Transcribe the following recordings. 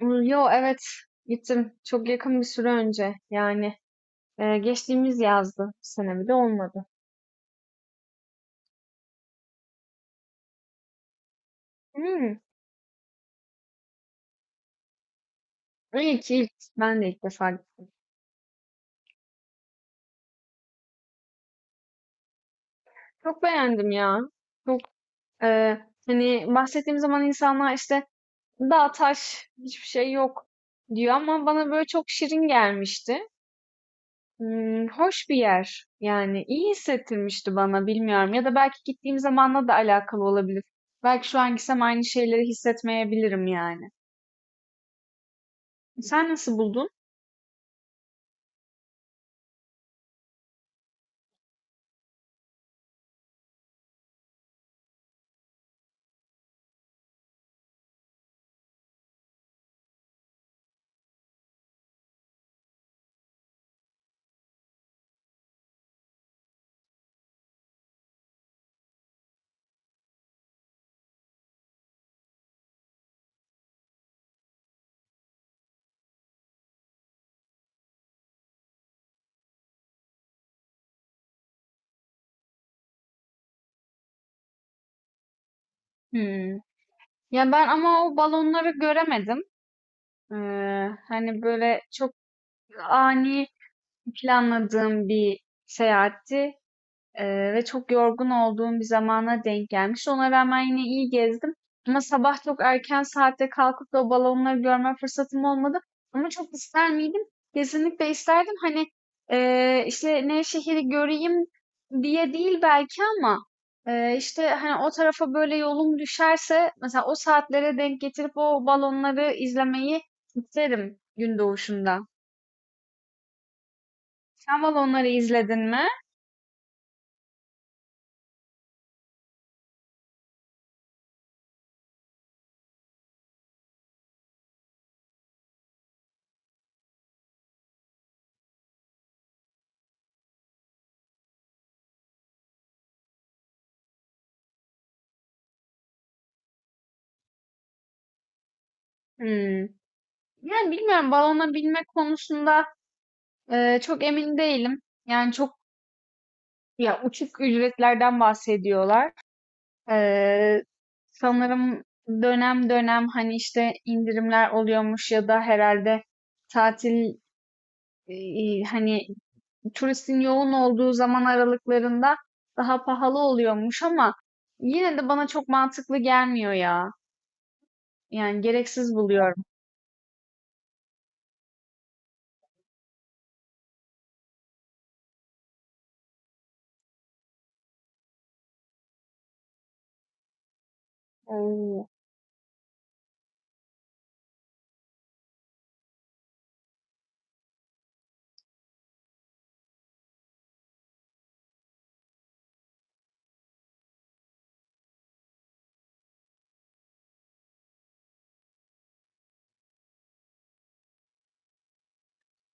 Yo, evet, gittim. Çok yakın bir süre önce. Yani, geçtiğimiz yazdı. Bu sene bile olmadı. Hımm. İlk, ilk. Ben de ilk defa gittim. Çok beğendim ya. Çok, hani, bahsettiğim zaman insanlar, işte, "Dağ, taş, hiçbir şey yok." diyor ama bana, böyle, çok şirin gelmişti. Hoş bir yer. Yani, iyi hissettirmişti bana, bilmiyorum ya da belki gittiğim zamanla da alakalı olabilir. Belki şu an gitsem aynı şeyleri hissetmeyebilirim yani. Sen nasıl buldun? Hımm. Ya, ben ama o balonları göremedim. Hani, böyle, çok ani planladığım bir seyahatti. Ve çok yorgun olduğum bir zamana denk gelmiş. Ona rağmen yine iyi gezdim. Ama sabah çok erken saatte kalkıp da o balonları görme fırsatım olmadı. Ama çok ister miydim? Kesinlikle isterdim. Hani işte Nevşehir'i göreyim diye değil belki ama işte hani o tarafa böyle yolum düşerse mesela o saatlere denk getirip o balonları izlemeyi isterim gün doğuşunda. Sen balonları izledin mi? Hmm. Yani bilmiyorum, balona binme konusunda çok emin değilim. Yani çok ya uçuk ücretlerden bahsediyorlar. Eee, Sanırım dönem dönem hani işte indirimler oluyormuş ya da herhalde tatil hani turistin yoğun olduğu zaman aralıklarında daha pahalı oluyormuş ama yine de bana çok mantıklı gelmiyor ya. Yani gereksiz buluyorum. Oo.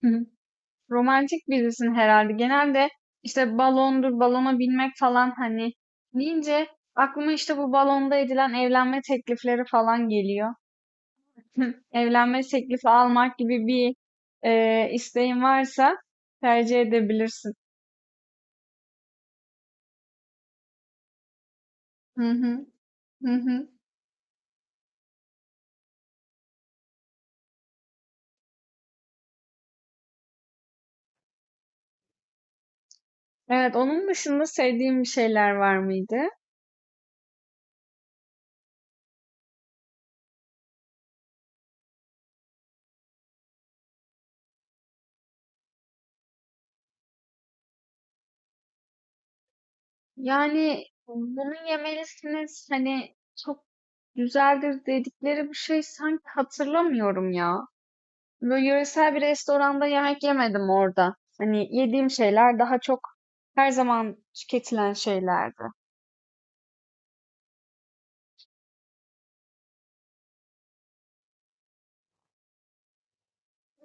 Romantik birisin herhalde. Genelde işte balondur, balona binmek falan hani deyince aklıma işte bu balonda edilen evlenme teklifleri falan geliyor. Evlenme teklifi almak gibi bir isteğin varsa tercih edebilirsin. Hı hı, hı hı. Evet, onun dışında sevdiğim bir şeyler var mıydı? Yani bunu yemelisiniz hani çok güzeldir dedikleri bir şey sanki hatırlamıyorum ya. Böyle yöresel bir restoranda yemek yemedim orada. Hani yediğim şeyler daha çok her zaman tüketilen şeylerdi.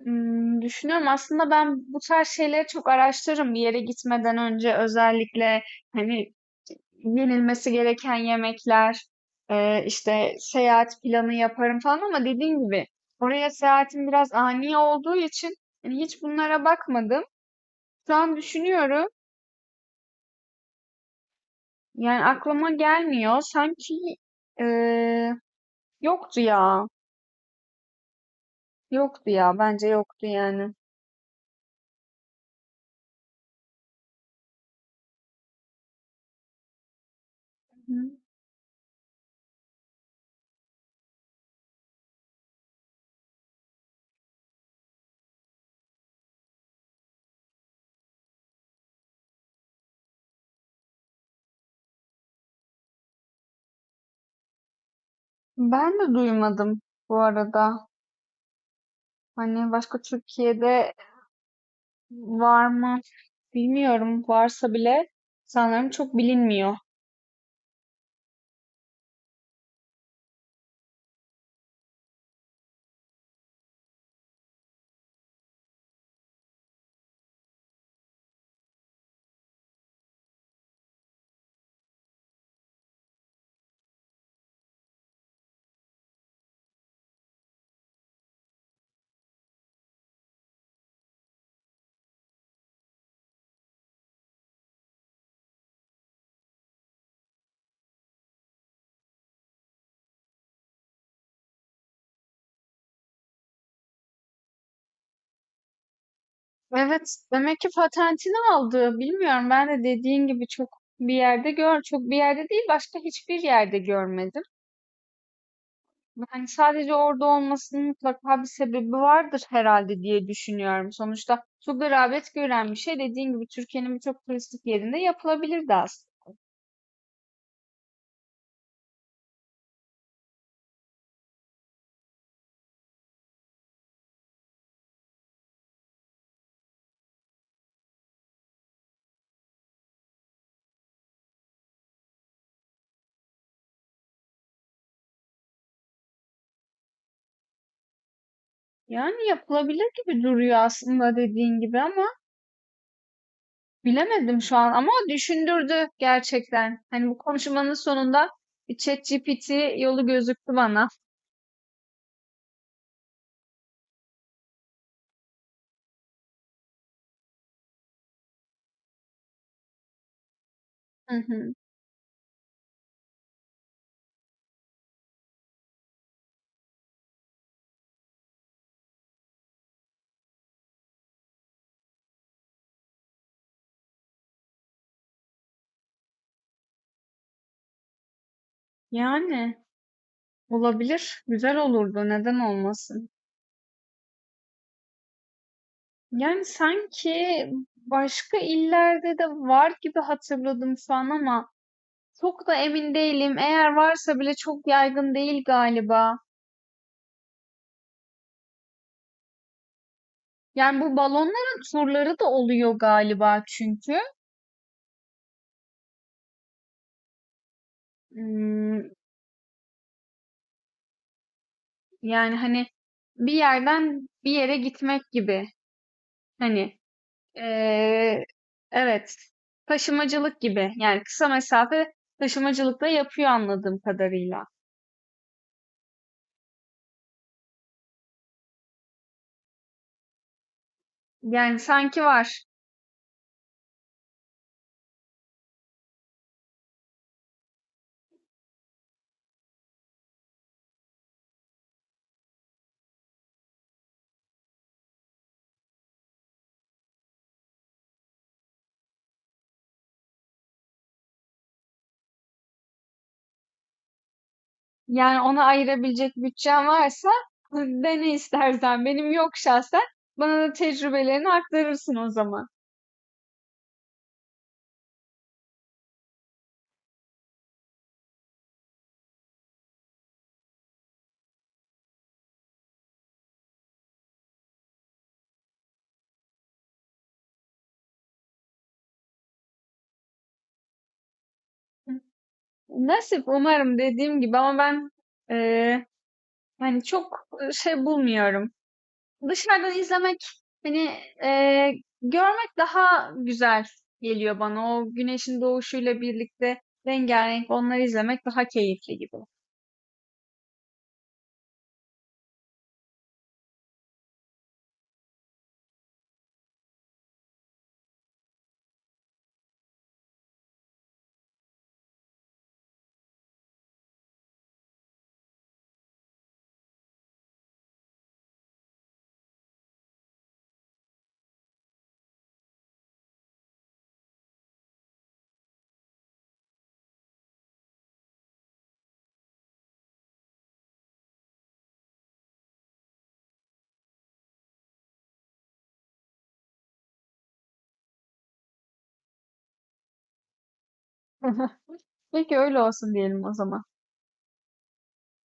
Düşünüyorum aslında ben bu tarz şeyleri çok araştırırım bir yere gitmeden önce özellikle hani yenilmesi gereken yemekler, işte seyahat planı yaparım falan ama dediğim gibi oraya seyahatim biraz ani olduğu için hani hiç bunlara bakmadım. Şu an düşünüyorum yani aklıma gelmiyor. Sanki e, yoktu ya. Yoktu ya. Bence yoktu yani. Hı. Ben de duymadım bu arada. Hani başka Türkiye'de var mı bilmiyorum. Varsa bile sanırım çok bilinmiyor. Evet, demek ki patentini aldı. Bilmiyorum. Ben de dediğin gibi çok bir yerde gör, çok bir yerde değil, başka hiçbir yerde görmedim. Hani sadece orada olmasının mutlaka bir sebebi vardır herhalde diye düşünüyorum. Sonuçta çok da rağbet gören bir şey dediğin gibi Türkiye'nin birçok turistik yerinde yapılabilirdi aslında. Yani yapılabilir gibi duruyor aslında dediğin gibi ama bilemedim şu an ama düşündürdü gerçekten. Hani bu konuşmanın sonunda bir ChatGPT yolu gözüktü bana. Hı hı. Yani olabilir, güzel olurdu, neden olmasın? Yani sanki başka illerde de var gibi hatırladım şu an ama çok da emin değilim. Eğer varsa bile çok yaygın değil galiba. Yani bu balonların turları da oluyor galiba çünkü. Hmm, Yani hani bir yerden bir yere gitmek gibi. Hani eee, evet taşımacılık gibi. Yani kısa mesafe taşımacılık da yapıyor anladığım kadarıyla. Yani sanki var. Yani ona ayırabilecek bütçen varsa dene istersen. Benim yok şahsen. Bana da tecrübelerini aktarırsın o zaman. Nasip umarım dediğim gibi ama ben eee, hani çok şey bulmuyorum. Dışarıdan izlemek hani eee, görmek daha güzel geliyor bana. O güneşin doğuşuyla birlikte rengarenk onları izlemek daha keyifli gibi. Peki öyle olsun diyelim o zaman.